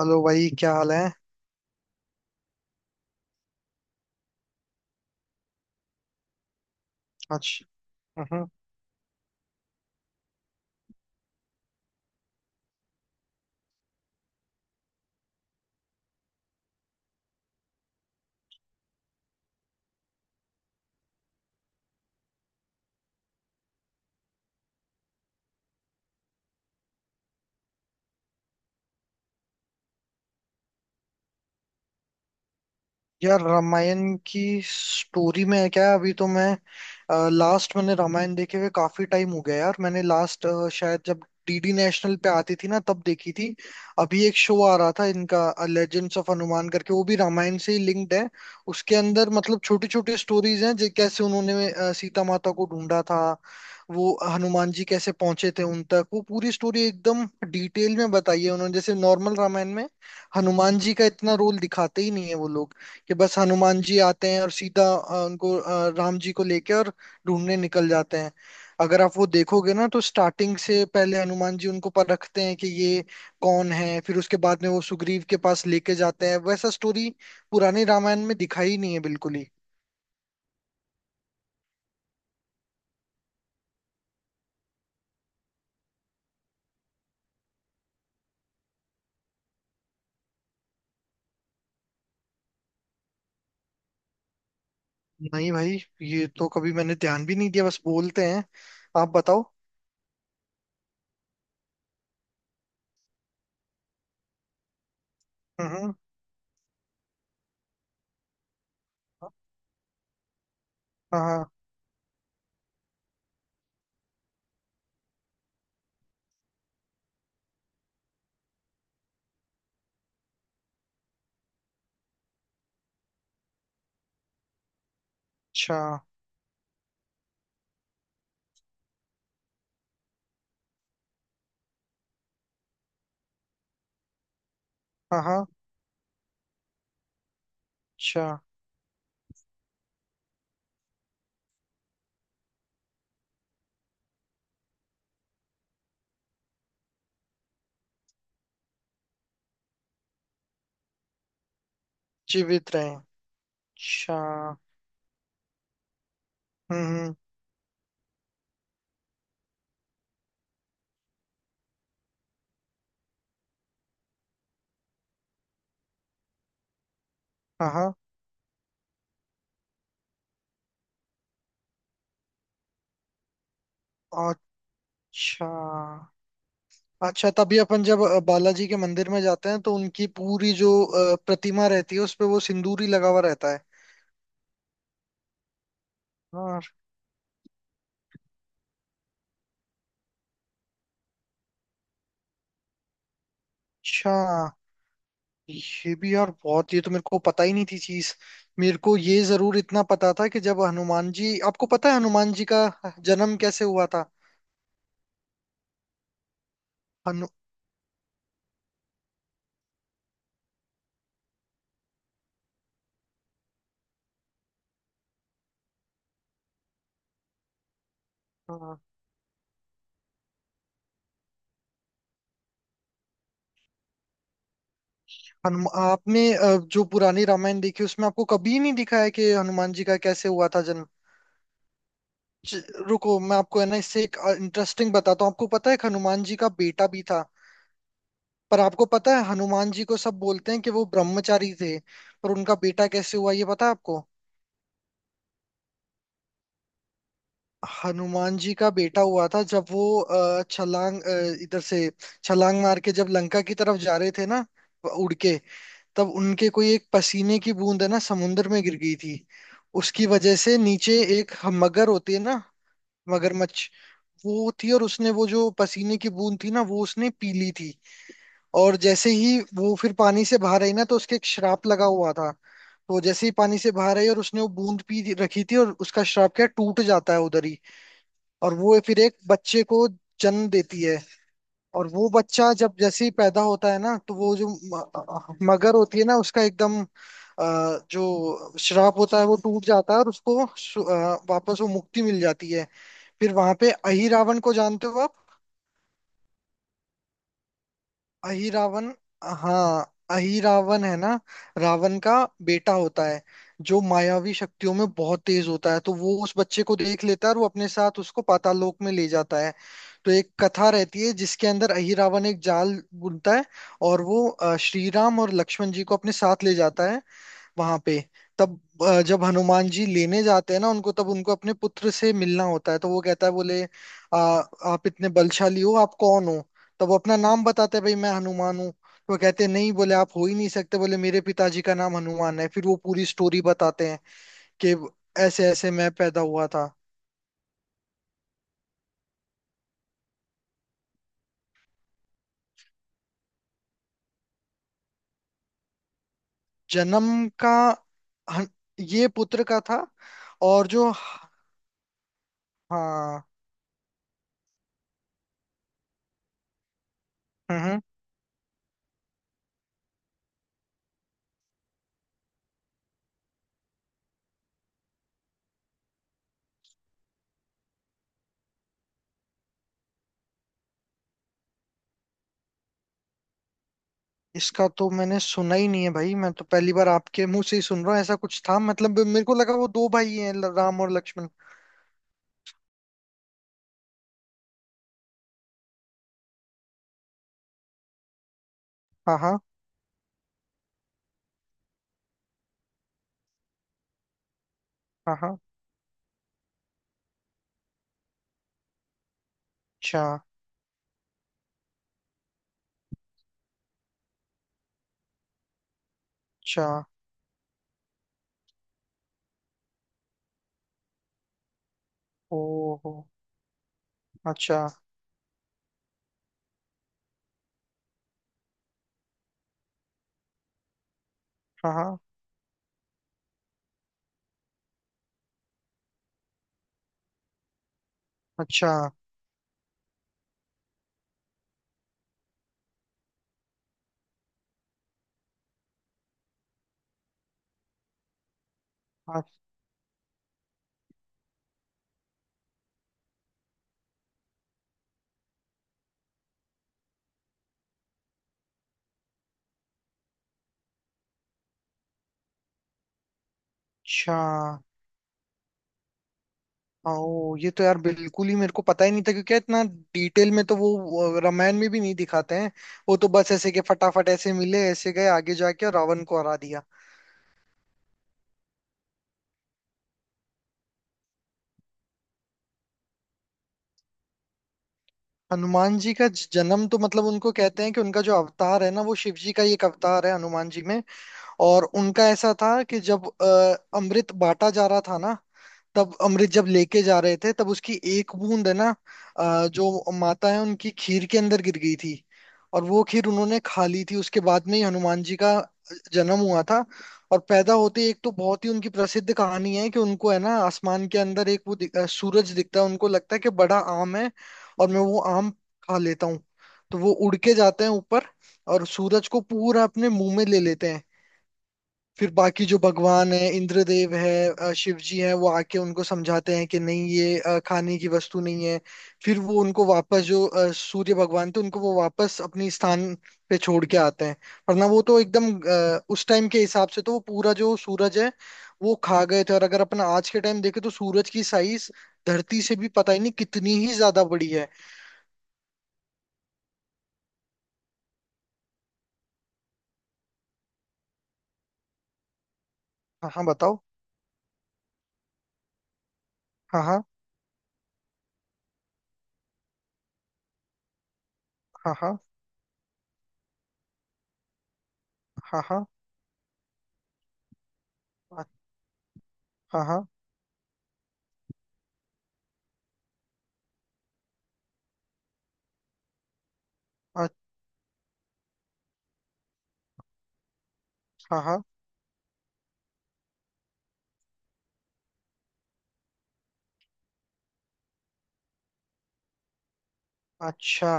Hello भाई, क्या हाल है। आज। हम्म। यार, रामायण की स्टोरी में है क्या? अभी तो मैं लास्ट मैंने रामायण देखे हुए काफी टाइम हो गया यार। मैंने लास्ट शायद जब डीडी नेशनल पे आती थी ना तब देखी थी। अभी एक शो आ रहा था इनका, लेजेंड्स ऑफ हनुमान करके, वो भी रामायण से ही लिंक्ड है। उसके अंदर मतलब छोटी छोटी स्टोरीज हैं कैसे उन्होंने सीता माता को ढूंढा था, वो हनुमान जी कैसे पहुंचे थे उन तक। वो पूरी स्टोरी एकदम डिटेल में बताई है उन्होंने। जैसे नॉर्मल रामायण में हनुमान जी का इतना रोल दिखाते ही नहीं है वो लोग, कि बस हनुमान जी आते हैं और सीधा उनको राम जी को लेके और ढूंढने निकल जाते हैं। अगर आप वो देखोगे ना तो स्टार्टिंग से पहले हनुमान जी उनको परखते हैं कि ये कौन है, फिर उसके बाद में वो सुग्रीव के पास लेके जाते हैं। वैसा स्टोरी पुरानी रामायण में दिखाई ही नहीं है बिल्कुल ही। नहीं भाई, ये तो कभी मैंने ध्यान भी नहीं दिया, बस बोलते हैं। आप बताओ। हम्म हम्म। हाँ हाँ। अच्छा। हाँ हाँ। अच्छा। जीवित रहे। अच्छा। हम्म। हाँ हाँ। अच्छा अच्छा, तभी अपन जब बालाजी के मंदिर में जाते हैं तो उनकी पूरी जो प्रतिमा रहती है उस पे वो सिंदूरी लगा हुआ रहता है। हाँ। अच्छा। ये भी यार, बहुत, ये तो मेरे को पता ही नहीं थी चीज। मेरे को ये जरूर इतना पता था कि जब हनुमान जी आपको पता है हनुमान जी का जन्म कैसे हुआ था? हनु हाँ। हनुम आपने जो पुरानी रामायण देखी उसमें आपको कभी नहीं दिखा है कि हनुमान जी का कैसे हुआ था जन्म? च- रुको, मैं आपको है ना इससे एक इंटरेस्टिंग बताता हूँ। आपको पता है कि हनुमान जी का बेटा भी था? पर आपको पता है, हनुमान जी को सब बोलते हैं कि वो ब्रह्मचारी थे, पर उनका बेटा कैसे हुआ ये पता है आपको? हनुमान जी का बेटा हुआ था जब वो इधर से छलांग मार के जब लंका की तरफ जा रहे थे ना, उड़ के। तब उनके कोई एक पसीने की बूंद है ना समुन्द्र में गिर गई थी। उसकी वजह से नीचे एक मगर होती है ना, मगरमच्छ, वो थी, और उसने वो जो पसीने की बूंद थी ना वो उसने पी ली थी। और जैसे ही वो फिर पानी से बाहर आई ना, तो उसके एक श्राप लगा हुआ था। तो जैसे ही पानी से बाहर आई और उसने वो बूंद रखी थी, और उसका श्राप क्या है, टूट जाता है उधर ही। और वो फिर एक बच्चे को जन्म देती है। और वो बच्चा जब जैसे ही पैदा होता है ना तो वो जो मगर होती है ना, उसका एकदम अ, जो श्राप होता है वो टूट जाता है, और उसको वापस वो मुक्ति मिल जाती है। फिर वहां पे अहिरावण को जानते हो आप? अही रावण। हाँ, अही रावण है ना, रावण का बेटा होता है जो मायावी शक्तियों में बहुत तेज होता है। तो वो उस बच्चे को देख लेता है और वो अपने साथ उसको पाताल लोक में ले जाता है। तो एक कथा रहती है जिसके अंदर अही रावण एक जाल बुनता है, और वो श्री राम और लक्ष्मण जी को अपने साथ ले जाता है वहां पे। तब जब हनुमान जी लेने जाते हैं ना उनको, तब उनको अपने पुत्र से मिलना होता है। तो वो कहता है, बोले, आप इतने बलशाली हो, आप कौन हो? तब वो अपना नाम बताते हैं, भाई मैं हनुमान हूँ। तो वो कहते हैं नहीं, बोले आप हो ही नहीं सकते, बोले मेरे पिताजी का नाम हनुमान है। फिर वो पूरी स्टोरी बताते हैं कि ऐसे ऐसे मैं पैदा हुआ था। जन्म का। हन- ये पुत्र का था। और जो। हाँ। हम्म। इसका तो मैंने सुना ही नहीं है भाई, मैं तो पहली बार आपके मुंह से ही सुन रहा हूँ। ऐसा कुछ था मतलब, मेरे को लगा वो दो भाई हैं, राम और लक्ष्मण। हाँ हाँ। हाँ हाँ। अच्छा अच्छा। ओ अच्छा। हाँ हाँ। अच्छा अच्छा। ओ, ये तो यार बिल्कुल ही मेरे को पता ही नहीं था, क्योंकि इतना डिटेल में तो वो रामायण में भी नहीं दिखाते हैं। वो तो बस ऐसे के फटाफट ऐसे मिले, ऐसे गए आगे जाके और रावण को हरा दिया। हनुमान जी का जन्म तो मतलब उनको कहते हैं कि उनका जो अवतार है ना वो शिव जी का ही एक अवतार है हनुमान जी में। और उनका ऐसा था कि जब अमृत बांटा जा रहा था ना, तब अमृत जब लेके जा रहे थे तब उसकी एक बूंद है ना जो माता है उनकी खीर के अंदर गिर गई थी। और वो खीर उन्होंने खा ली थी, उसके बाद में ही हनुमान जी का जन्म हुआ था। और पैदा होते ही, एक तो बहुत ही उनकी प्रसिद्ध कहानी है कि उनको है ना आसमान के अंदर एक वो सूरज दिखता है, उनको लगता है कि बड़ा आम है और मैं वो आम खा लेता हूँ। तो वो उड़ के जाते हैं ऊपर और सूरज को पूरा अपने मुंह में ले लेते हैं। फिर बाकी जो भगवान है, इंद्रदेव है, शिव जी हैं, वो आके उनको समझाते हैं कि नहीं, ये खाने की वस्तु नहीं है। फिर वो उनको वापस जो सूर्य भगवान थे उनको वो वापस अपनी स्थान पे छोड़ के आते हैं। वरना वो तो एकदम उस टाइम के हिसाब से तो वो पूरा जो सूरज है वो खा गए थे। और अगर अपन आज के टाइम देखें तो सूरज की साइज धरती से भी पता ही नहीं कितनी ही ज्यादा बड़ी है। हाँ हाँ, बताओ। हाँ हाँ हाँ। हाँ हाँ हाँ। हाँ हाँ हाँ हाँ। अच्छा।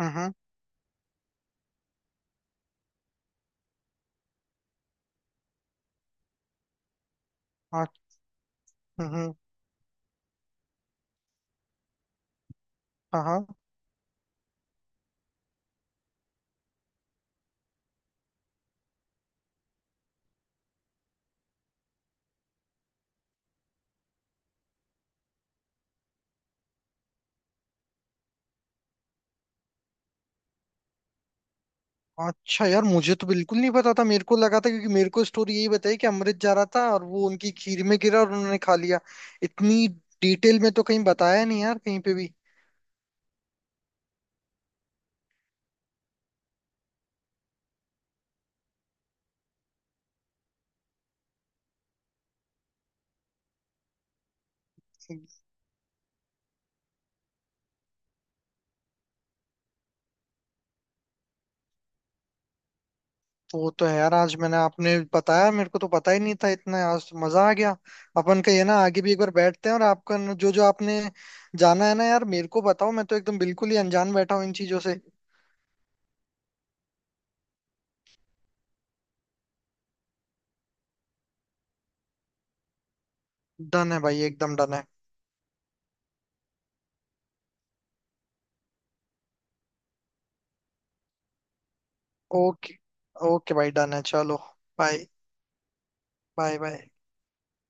हम्म हम्म हम्म। हाँ हाँ। अच्छा। यार, मुझे तो बिल्कुल नहीं पता था, मेरे को लगा था, क्योंकि मेरे को स्टोरी यही बताई कि अमृत जा रहा था और वो उनकी खीर में गिरा और उन्होंने खा लिया। इतनी डिटेल में तो कहीं बताया नहीं यार, कहीं पे भी। वो तो है यार, आज मैंने आपने बताया, मेरे को तो पता ही नहीं था इतना, आज तो मजा आ गया। अपन का ये ना आगे भी एक बार बैठते हैं और आपका जो जो आपने जाना है ना यार मेरे को बताओ। मैं तो एकदम बिल्कुल ही अनजान बैठा हूँ इन चीजों से। डन है भाई, एकदम डन है। ओके। ओके भाई, डन है, चलो। बाय। Bye bye.